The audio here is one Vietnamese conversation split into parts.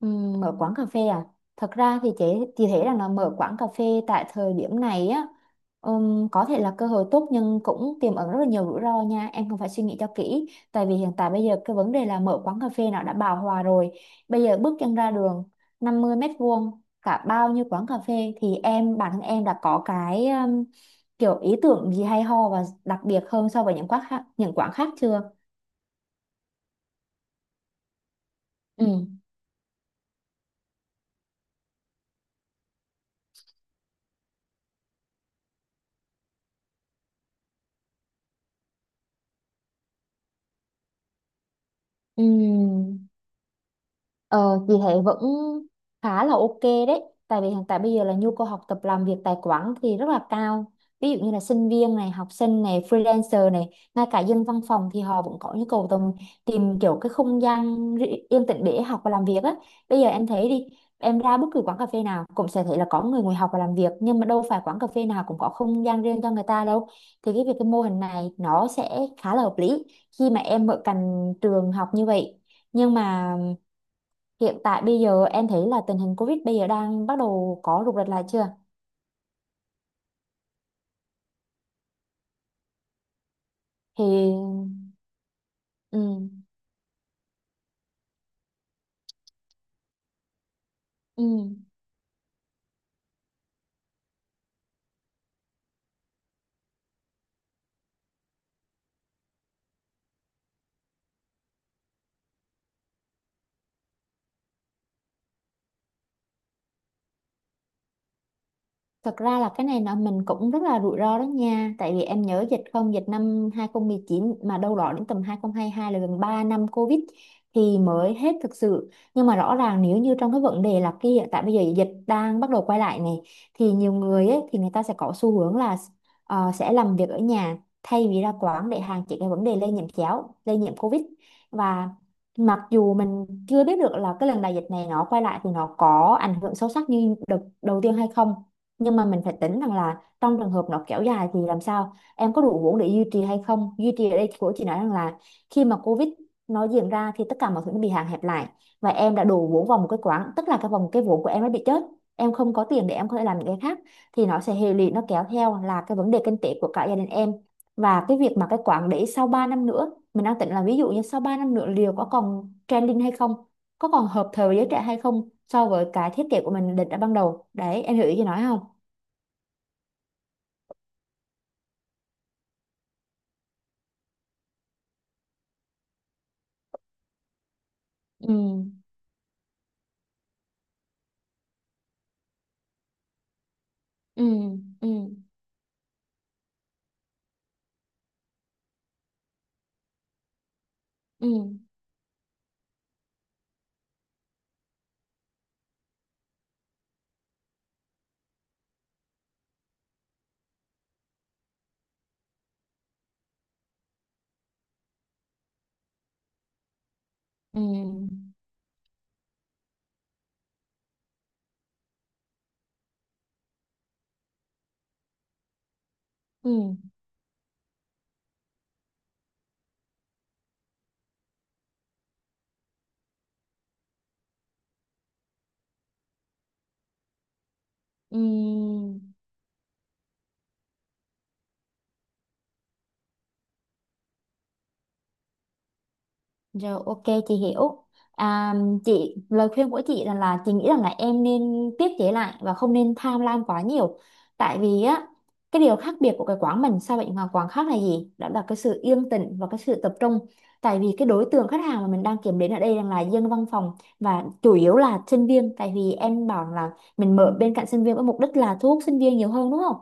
Mở quán cà phê à, thật ra thì chị thấy rằng là mở quán cà phê tại thời điểm này á, có thể là cơ hội tốt nhưng cũng tiềm ẩn rất là nhiều rủi ro nha, em cần phải suy nghĩ cho kỹ. Tại vì hiện tại bây giờ cái vấn đề là mở quán cà phê nó đã bão hòa rồi. Bây giờ bước chân ra đường, 50 m² cả bao nhiêu quán cà phê. Thì em, bản thân em đã có cái, kiểu ý tưởng gì hay ho và đặc biệt hơn so với những quán khác chưa? Ừ, ừ. Ờ, chị thấy vẫn khá là ok đấy. Tại vì hiện tại bây giờ là nhu cầu học tập làm việc tại quán thì rất là cao. Ví dụ như là sinh viên này, học sinh này, freelancer này, ngay cả dân văn phòng thì họ vẫn có nhu cầu tìm kiểu cái không gian yên tĩnh để học và làm việc á. Bây giờ em thấy đi, em ra bất cứ quán cà phê nào cũng sẽ thấy là có người ngồi học và làm việc, nhưng mà đâu phải quán cà phê nào cũng có không gian riêng cho người ta đâu. Thì cái việc cái mô hình này nó sẽ khá là hợp lý khi mà em ở cạnh trường học như vậy. Nhưng mà hiện tại bây giờ em thấy là tình hình Covid bây giờ đang bắt đầu có rục rịch lại chưa? Thì ừ, ừ. Thật ra là cái này là mình cũng rất là rủi ro đó nha. Tại vì em nhớ dịch, không, dịch năm 2019 mà đâu đó đến tầm 2022 là gần 3 năm Covid thì mới hết thực sự. Nhưng mà rõ ràng nếu như trong cái vấn đề là cái hiện tại bây giờ dịch đang bắt đầu quay lại này, thì nhiều người ấy, thì người ta sẽ có xu hướng là, sẽ làm việc ở nhà thay vì ra quán để hạn chế cái vấn đề lây nhiễm chéo, lây nhiễm Covid. Và mặc dù mình chưa biết được là cái lần đại dịch này nó quay lại thì nó có ảnh hưởng sâu sắc như đợt đầu tiên hay không, nhưng mà mình phải tính rằng là trong trường hợp nó kéo dài thì làm sao em có đủ vốn để duy trì hay không. Duy trì ở đây của chị nói rằng là khi mà Covid nó diễn ra thì tất cả mọi thứ nó bị hạn hẹp lại, và em đã đổ vốn vào một cái quán, tức là cái vòng cái vốn của em nó bị chết, em không có tiền để em có thể làm những cái khác, thì nó sẽ hệ lụy, nó kéo theo là cái vấn đề kinh tế của cả gia đình em. Và cái việc mà cái quán đấy sau 3 năm nữa, mình đang tính là ví dụ như sau 3 năm nữa liệu có còn trending hay không, có còn hợp thời với giới trẻ hay không so với cái thiết kế của mình định đã ban đầu đấy, em hiểu ý chị nói không? Ừ, ừ, ừ, ừ, ừ, ừ, ừ, ừ, ừ. Rồi, ok, chị hiểu. À, chị, lời khuyên của chị là chị nghĩ rằng là em nên tiết chế lại và không nên tham lam quá nhiều. Tại vì á, cái điều khác biệt của cái quán mình so với những hàng quán khác là gì? Đó là cái sự yên tĩnh và cái sự tập trung. Tại vì cái đối tượng khách hàng mà mình đang kiểm đến ở đây đang là dân văn phòng và chủ yếu là sinh viên. Tại vì em bảo là mình mở bên cạnh sinh viên với mục đích là thu hút sinh viên nhiều hơn đúng không?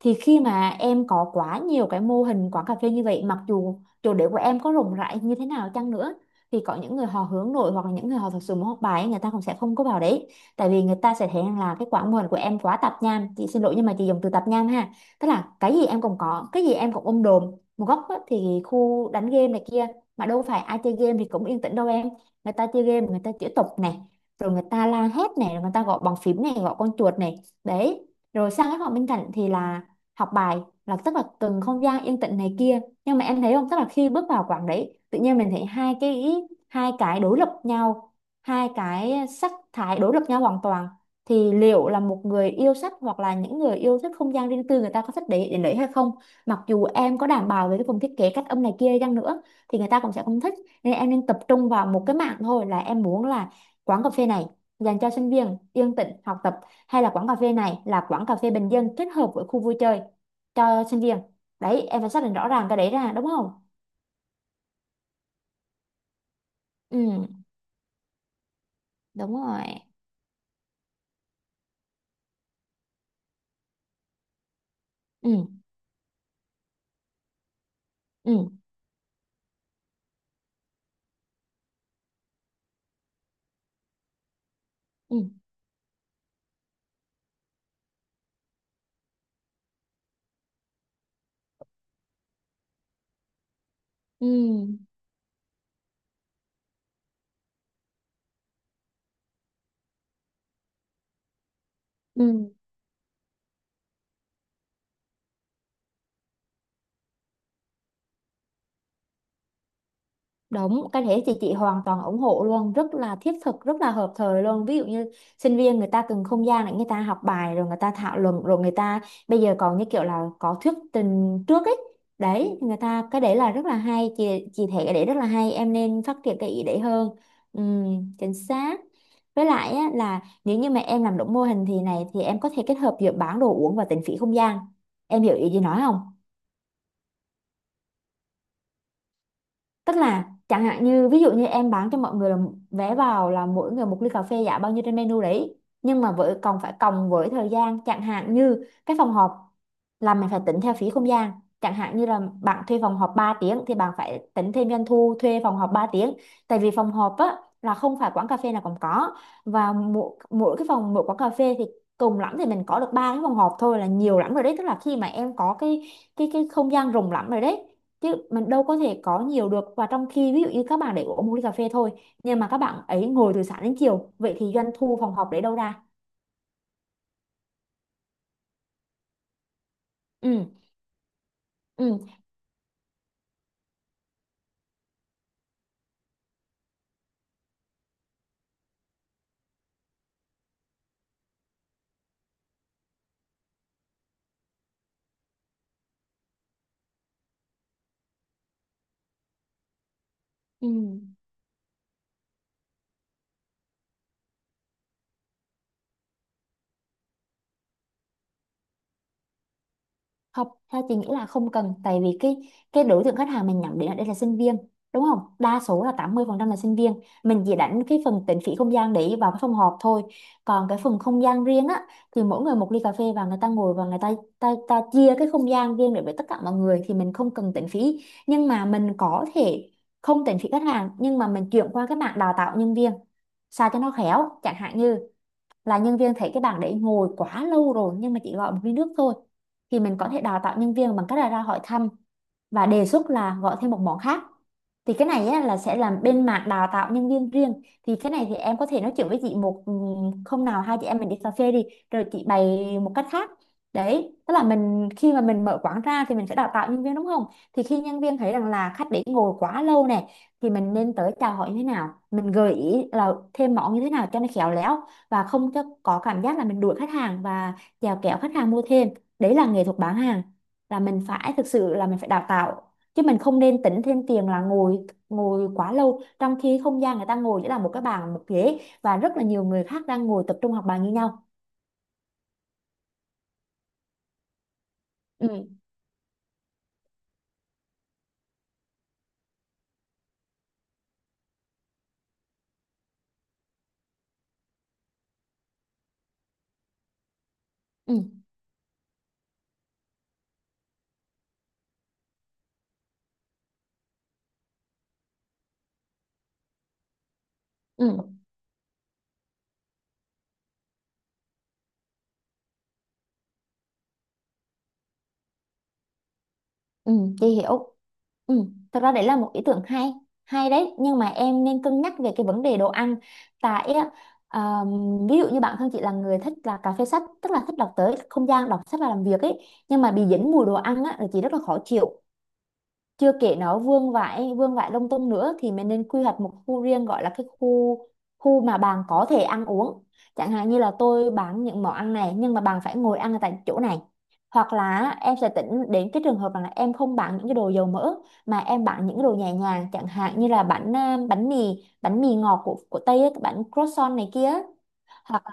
Thì khi mà em có quá nhiều cái mô hình quán cà phê như vậy, mặc dù chủ đề của em có rộng rãi như thế nào chăng nữa, thì có những người họ hướng nội hoặc là những người họ thật sự muốn học bài ấy, người ta cũng sẽ không có vào đấy. Tại vì người ta sẽ thấy rằng là cái quả mô hình của em quá tạp nham, chị xin lỗi nhưng mà chị dùng từ tạp nham ha, tức là cái gì em cũng có, cái gì em cũng ôm đồm một góc á, thì khu đánh game này kia, mà đâu phải ai chơi game thì cũng yên tĩnh đâu em. Người ta chơi game, người ta chửi tục này, rồi người ta la hét này, rồi người ta gõ bàn phím này, gõ con chuột này, đấy. Rồi sang cái phòng bên cạnh thì là học bài, là tức là cần không gian yên tĩnh này kia. Nhưng mà em thấy không, tức là khi bước vào quảng đấy tự nhiên mình thấy hai cái, hai cái đối lập nhau, hai cái sắc thái đối lập nhau hoàn toàn. Thì liệu là một người yêu sách hoặc là những người yêu thích không gian riêng tư người ta có thích đấy, đến đấy hay không? Mặc dù em có đảm bảo về cái phần thiết kế cách âm này kia đi chăng nữa thì người ta cũng sẽ không thích. Nên em nên tập trung vào một cái mảng thôi. Là em muốn là quán cà phê này dành cho sinh viên yên tĩnh học tập, hay là quán cà phê này là quán cà phê bình dân kết hợp với khu vui chơi cho sinh viên. Đấy, em phải xác định rõ ràng cái đấy ra đúng không? Ừ, đúng rồi, ừ, ừ, ừ, ừ, ừ, ừ. Đúng, cái thế thì chị hoàn toàn ủng hộ luôn, rất là thiết thực, rất là hợp thời luôn. Ví dụ như sinh viên, người ta cần không gian để người ta học bài, rồi người ta thảo luận, rồi người ta bây giờ còn như kiểu là có thuyết trình trước ấy. Đấy, người ta cái đấy là rất là hay, chị thấy cái đấy rất là hay, em nên phát triển cái ý đấy hơn. Chính xác. Với lại á, là nếu như mà em làm đúng mô hình thì này thì em có thể kết hợp giữa bán đồ uống và tính phí không gian. Em hiểu ý gì nói không? Tức là chẳng hạn như ví dụ như em bán cho mọi người là vé vào là mỗi người một ly cà phê giá bao nhiêu trên menu đấy. Nhưng mà với còn phải cộng với thời gian, chẳng hạn như cái phòng họp là mình phải tính theo phí không gian. Chẳng hạn như là bạn thuê phòng họp 3 tiếng thì bạn phải tính thêm doanh thu thuê phòng họp 3 tiếng. Tại vì phòng họp á là không phải quán cà phê nào cũng có, và mỗi mỗi cái phòng, mỗi quán cà phê thì cùng lắm thì mình có được ba cái phòng họp thôi là nhiều lắm rồi đấy. Tức là khi mà em có cái không gian rộng lắm rồi đấy, chứ mình đâu có thể có nhiều được. Và trong khi ví dụ như các bạn để uống một ly cà phê thôi, nhưng mà các bạn ấy ngồi từ sáng đến chiều, vậy thì doanh thu phòng học đấy đâu ra? Ừ, ừ, ừ. Không, theo chị nghĩ là không cần. Tại vì cái đối tượng khách hàng mình nhắm đến ở đây là sinh viên đúng không, đa số là 80% là sinh viên. Mình chỉ đánh cái phần tính phí không gian để vào cái phòng họp thôi, còn cái phần không gian riêng á, thì mỗi người một ly cà phê và người ta ngồi và người ta ta chia cái không gian riêng để với tất cả mọi người, thì mình không cần tính phí. Nhưng mà mình có thể không tính phí khách hàng, nhưng mà mình chuyển qua cái mạng đào tạo nhân viên sao cho nó khéo. Chẳng hạn như là nhân viên thấy cái bàn đấy ngồi quá lâu rồi nhưng mà chỉ gọi một ly nước thôi, thì mình có thể đào tạo nhân viên bằng cách là ra hỏi thăm và đề xuất là gọi thêm một món khác. Thì cái này á, là sẽ làm bên mảng đào tạo nhân viên riêng, thì cái này thì em có thể nói chuyện với chị một, hôm nào hai chị em mình đi cà phê đi, rồi chị bày một cách khác. Đấy, tức là mình khi mà mình mở quán ra thì mình phải đào tạo nhân viên đúng không? Thì khi nhân viên thấy rằng là khách để ngồi quá lâu này, thì mình nên tới chào hỏi như thế nào, mình gợi ý là thêm món như thế nào cho nó khéo léo và không cho có cảm giác là mình đuổi khách hàng và chèo kéo khách hàng mua thêm. Đấy là nghệ thuật bán hàng, là mình phải thực sự là mình phải đào tạo, chứ mình không nên tính thêm tiền là ngồi ngồi quá lâu trong khi không gian người ta ngồi chỉ là một cái bàn một ghế và rất là nhiều người khác đang ngồi tập trung học bài như nhau. Ừ, ừ, ừ, ừ, chị hiểu. Ừ, thật ra đấy là một ý tưởng hay, hay đấy. Nhưng mà em nên cân nhắc về cái vấn đề đồ ăn. Tại á, à, ví dụ như bản thân chị là người thích là cà phê sách, tức là thích đọc, tới không gian đọc sách và làm việc ấy, nhưng mà bị dính mùi đồ ăn á là chị rất là khó chịu, chưa kể nó vương vãi, vương vãi lung tung nữa. Thì mình nên quy hoạch một khu riêng, gọi là cái khu, khu mà bạn có thể ăn uống. Chẳng hạn như là tôi bán những món ăn này nhưng mà bạn phải ngồi ăn ở tại chỗ này. Hoặc là em sẽ tính đến cái trường hợp rằng là em không bán những cái đồ dầu mỡ, mà em bán những cái đồ nhẹ nhàng, chẳng hạn như là bánh, à, bánh mì ngọt của Tây ấy, cái bánh croissant này kia, hoặc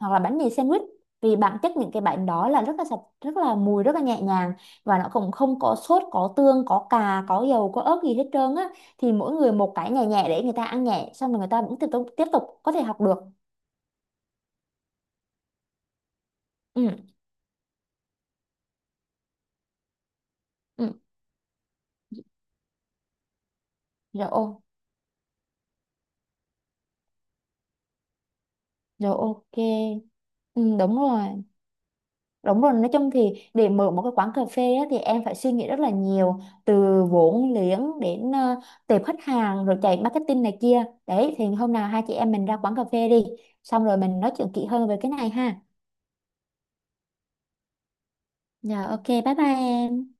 hoặc là bánh mì sandwich. Vì bản chất những cái bánh đó là rất là sạch, rất là mùi, rất là nhẹ nhàng, và nó cũng không có sốt, có tương, có cà, có dầu, có ớt gì hết trơn á. Thì mỗi người một cái nhẹ nhẹ để người ta ăn nhẹ xong rồi người ta vẫn tiếp tục có thể học được. Ừ, ừ. Rồi ô, rồi ok. Ừ, đúng rồi. Đúng rồi, nói chung thì để mở một cái quán cà phê á, thì em phải suy nghĩ rất là nhiều, từ vốn liếng đến tệp khách hàng, rồi chạy marketing này kia. Đấy, thì hôm nào hai chị em mình ra quán cà phê đi, xong rồi mình nói chuyện kỹ hơn về cái này ha. Dạ ok, bye bye em.